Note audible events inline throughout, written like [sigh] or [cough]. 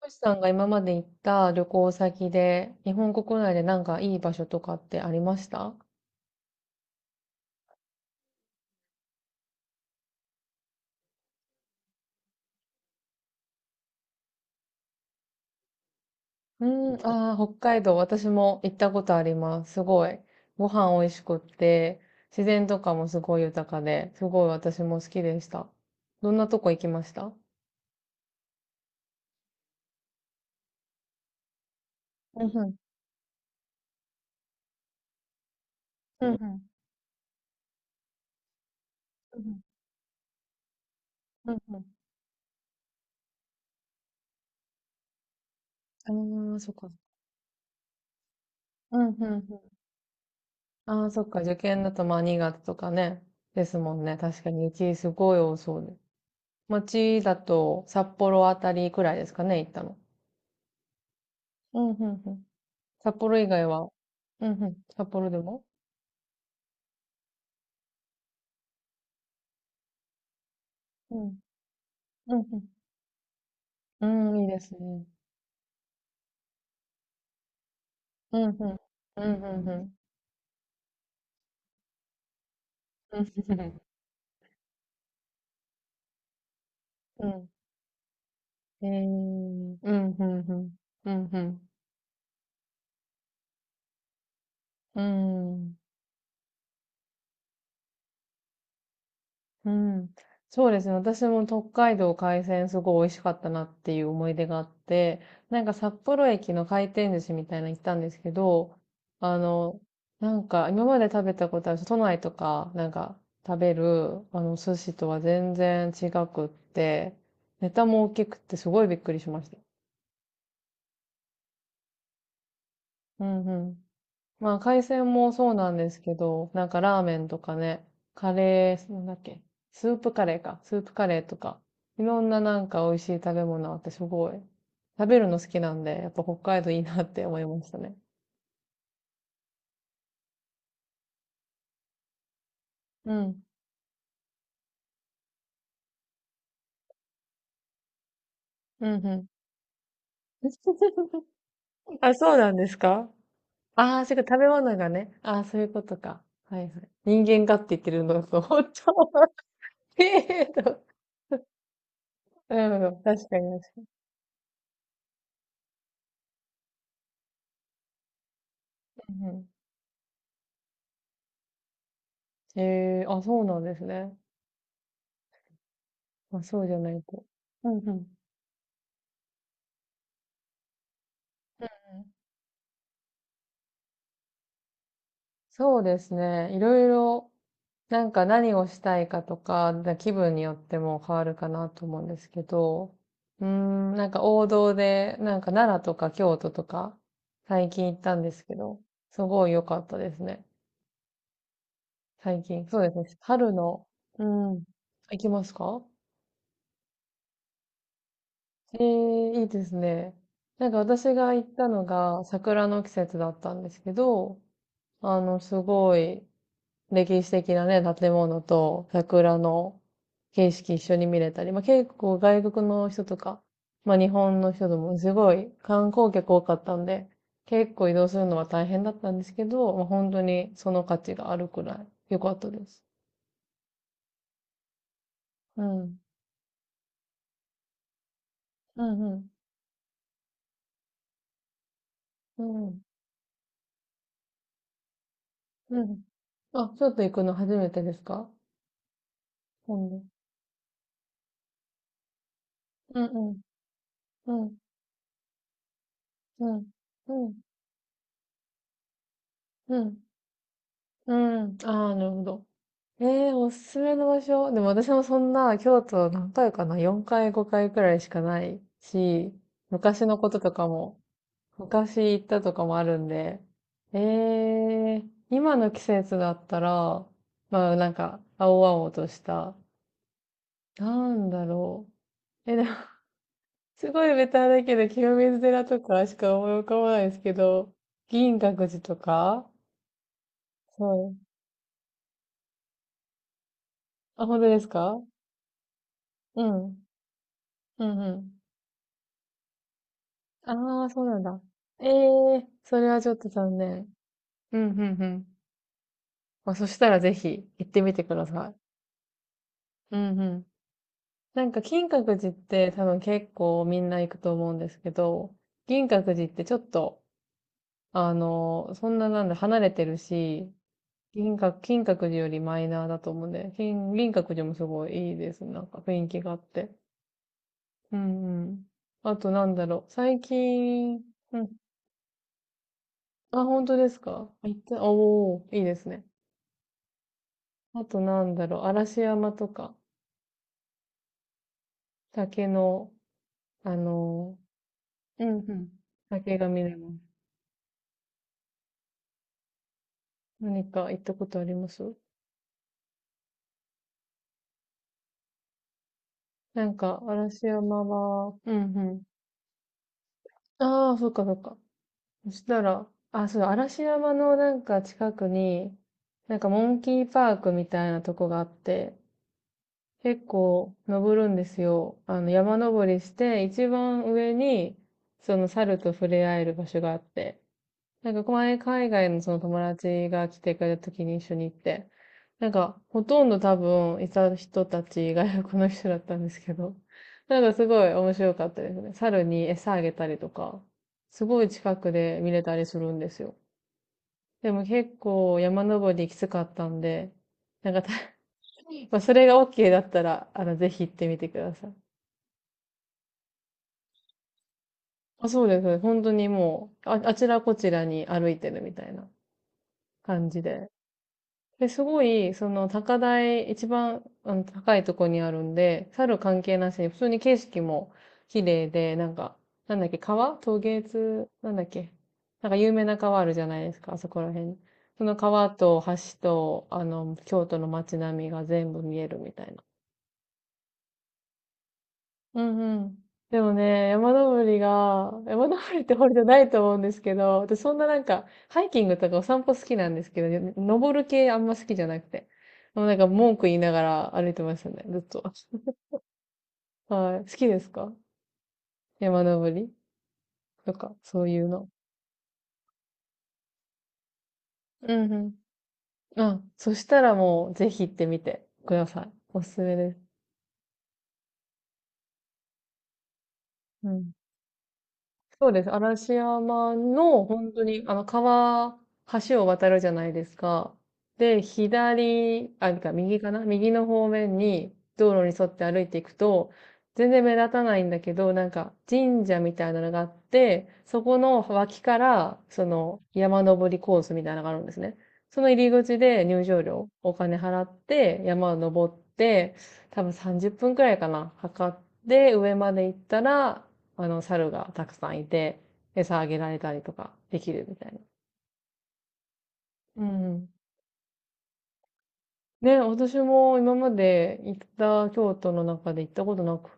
トシさんが今まで行った旅行先で、日本国内でなんかいい場所とかってありました？うーん、ああ、北海道、私も行ったことあります。すごい。ご飯美味しくって、自然とかもすごい豊かで、すごい私も好きでした。どんなとこ行きました？うんうん。うんうん。うんうん。うんうん。ああ、そっか。うんうんうん。ああ、そっか。受験だとまあ新潟とかね。ですもんね。確かに雪すごい多そうで。町だと札幌あたりくらいですかね、行ったの。うん、うん、うん。札幌以外は、うん、うん。札幌でも、うん、うん、うん。うん、いいですね。うん、うん。うん、うん、うん。うん、うん、うん。うん。えー、うん、うん、うん。うん、うん。うん。うん。そうですね。私も北海道海鮮すごい美味しかったなっていう思い出があって、なんか札幌駅の回転寿司みたいなの行ったんですけど、あの、なんか今まで食べたことある都内とかなんか食べるあの寿司とは全然違くって、ネタも大きくてすごいびっくりしました。うんうん。まあ、海鮮もそうなんですけど、なんかラーメンとかね、カレー、なんだっけ、スープカレーか、スープカレーとか、いろんななんか美味しい食べ物あってすごい、食べるの好きなんで、やっぱ北海道いいなって思いましたね。うん。うんうん。[laughs] あ、そうなんですか？ああー、そういうこと。食べ物がね。ああ、そういうことか。はいはい。人間がって言ってるのと、[laughs] 本当程。うん、確かに確かに。うんうん、ええ、あ、そうなんですね。まあ、そうじゃないと。うんうん。うんうん。そうですね。いろいろ、なんか何をしたいかとか、気分によっても変わるかなと思うんですけど、うーん、なんか王道で、なんか奈良とか京都とか、最近行ったんですけど、すごい良かったですね。最近。そうですね。春の、うん。行きますか？ええ、いいですね。なんか私が行ったのが桜の季節だったんですけど、すごい歴史的なね、建物と桜の景色一緒に見れたり、まあ、結構外国の人とか、まあ、日本の人でもすごい観光客多かったんで、結構移動するのは大変だったんですけど、まあ、本当にその価値があるくらい良かったです。うん。うんうん。うん。うん。あ、ちょっと行くの初めてですか？今度。うんうん。うん。うん。うん。うん。うん。ああ、なるほど。ええ、おすすめの場所。でも私もそんな京都何回かな ?4 回5回くらいしかないし、昔のこととかも、昔行ったとかもあるんで、ええ、今の季節だったら、まあなんか、青々とした、なんだろう。え、でも、[laughs] すごいベタだけど、清水寺とかしか思い浮かばないですけど、銀閣寺とか。そう。あ、本当ですか？うん。うんうん。ああ、そうなんだ。ええ、それはちょっと残念。うん、うん、うん。まあ、そしたらぜひ行ってみてください。うん、うん。なんか金閣寺って多分結構みんな行くと思うんですけど、銀閣寺ってちょっと、そんななんだ、離れてるし、銀閣、金閣寺よりマイナーだと思うんで、金、銀閣寺もすごいいいです。なんか雰囲気があって。うんうん。あとなんだろう、最近、うん。あ、本当ですか？行った、おー、いいですね。あとなんだろう、嵐山とか、竹の、あのうんうん。ー、竹が見れます。何か行ったことあります？なんか、嵐山は、うんうん。ああ、そっかそっか。そしたら、あ、そうだ、嵐山のなんか近くに、なんかモンキーパークみたいなとこがあって、結構登るんですよ。山登りして、一番上に、その猿と触れ合える場所があって、なんか前海外のその友達が来てくれた時に一緒に行って、なんかほとんど多分いた人たち外国の人だったんですけど、なんかすごい面白かったですね。猿に餌あげたりとか、すごい近くで見れたりするんですよ。でも結構山登りきつかったんで、なんか[laughs] まあそれが OK だったら、ぜひ行ってみてください。あ、そうです。本当にもう、あ、あちらこちらに歩いてるみたいな感じで。で、すごい、高台、一番、高いとこにあるんで、猿関係なしに、普通に景色も綺麗で、なんか、なんだっけ、川渡津、なんだっけ。なんか有名な川あるじゃないですか、あそこら辺。その川と橋と、京都の街並みが全部見えるみたいな。うんうん。でもね、山登りってほどじゃないと思うんですけど、私そんななんか、ハイキングとかお散歩好きなんですけど、ね、登る系あんま好きじゃなくて。もうなんか文句言いながら歩いてましたね、ずっと。[laughs] はい。好きですか？山登りとか、そういうの。うんうん。あ、そしたらもう、ぜひ行ってみてください。おすすめです。うん。そうです。嵐山の本当に、川、橋を渡るじゃないですか。で、左、あ、なんか右かな、右の方面に道路に沿って歩いていくと、全然目立たないんだけど、なんか神社みたいなのがあって、そこの脇から、その山登りコースみたいなのがあるんですね。その入り口で入場料、お金払って山を登って、多分30分くらいかな、測って上まで行ったら、猿がたくさんいて、餌あげられたりとかできるみたいな。うん。ね、私も今まで行った京都の中で行ったこと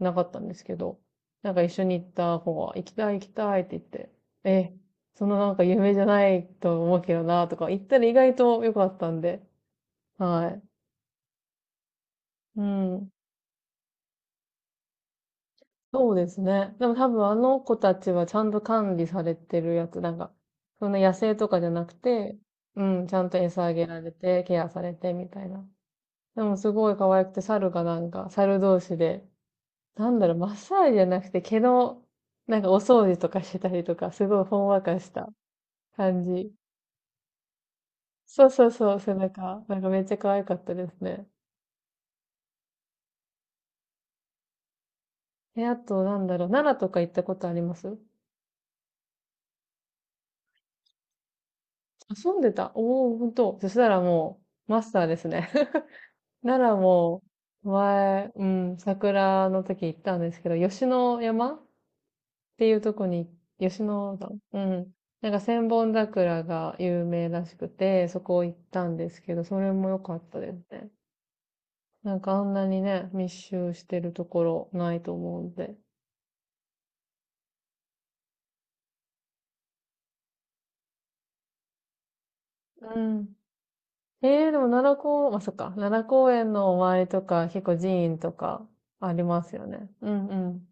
なかったんですけど、なんか一緒に行った子が、行きたい行きたいって言って、え、そのなんか夢じゃないと思うけどなとか、行ったら意外と良かったんで、はい。うん。そうですね。でも多分あの子たちはちゃんと管理されてるやつ、なんか、そんな野生とかじゃなくて、うん、ちゃんと餌あげられて、ケアされてみたいな。でもすごい可愛くて、猿がなんか、猿同士で、なんだろう、マッサージじゃなくて毛の、なんかお掃除とかしてたりとか、すごいほんわかした感じ。そうそうそう、背中。なんかめっちゃ可愛かったですね。え、あと、なんだろう、奈良とか行ったことあります？遊んでた？おおー、ほんと。そしたらもう、マスターですね。奈良も前、うん、桜の時行ったんですけど、吉野山っていうとこに、吉野山。うん。なんか千本桜が有名らしくて、そこ行ったんですけど、それも良かったですね。なんかあんなにね、密集してるところないと思うんで。うん。えー、でも奈良公、まあ、そっか、奈良公園の周りとか、結構寺院とかありますよね。うんうん。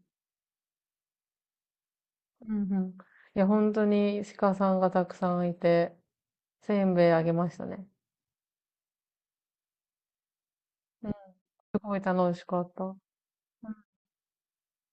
うんうん。いや、本当に鹿さんがたくさんいて、せんべいあげましたね。うん、すごい楽しかった。うん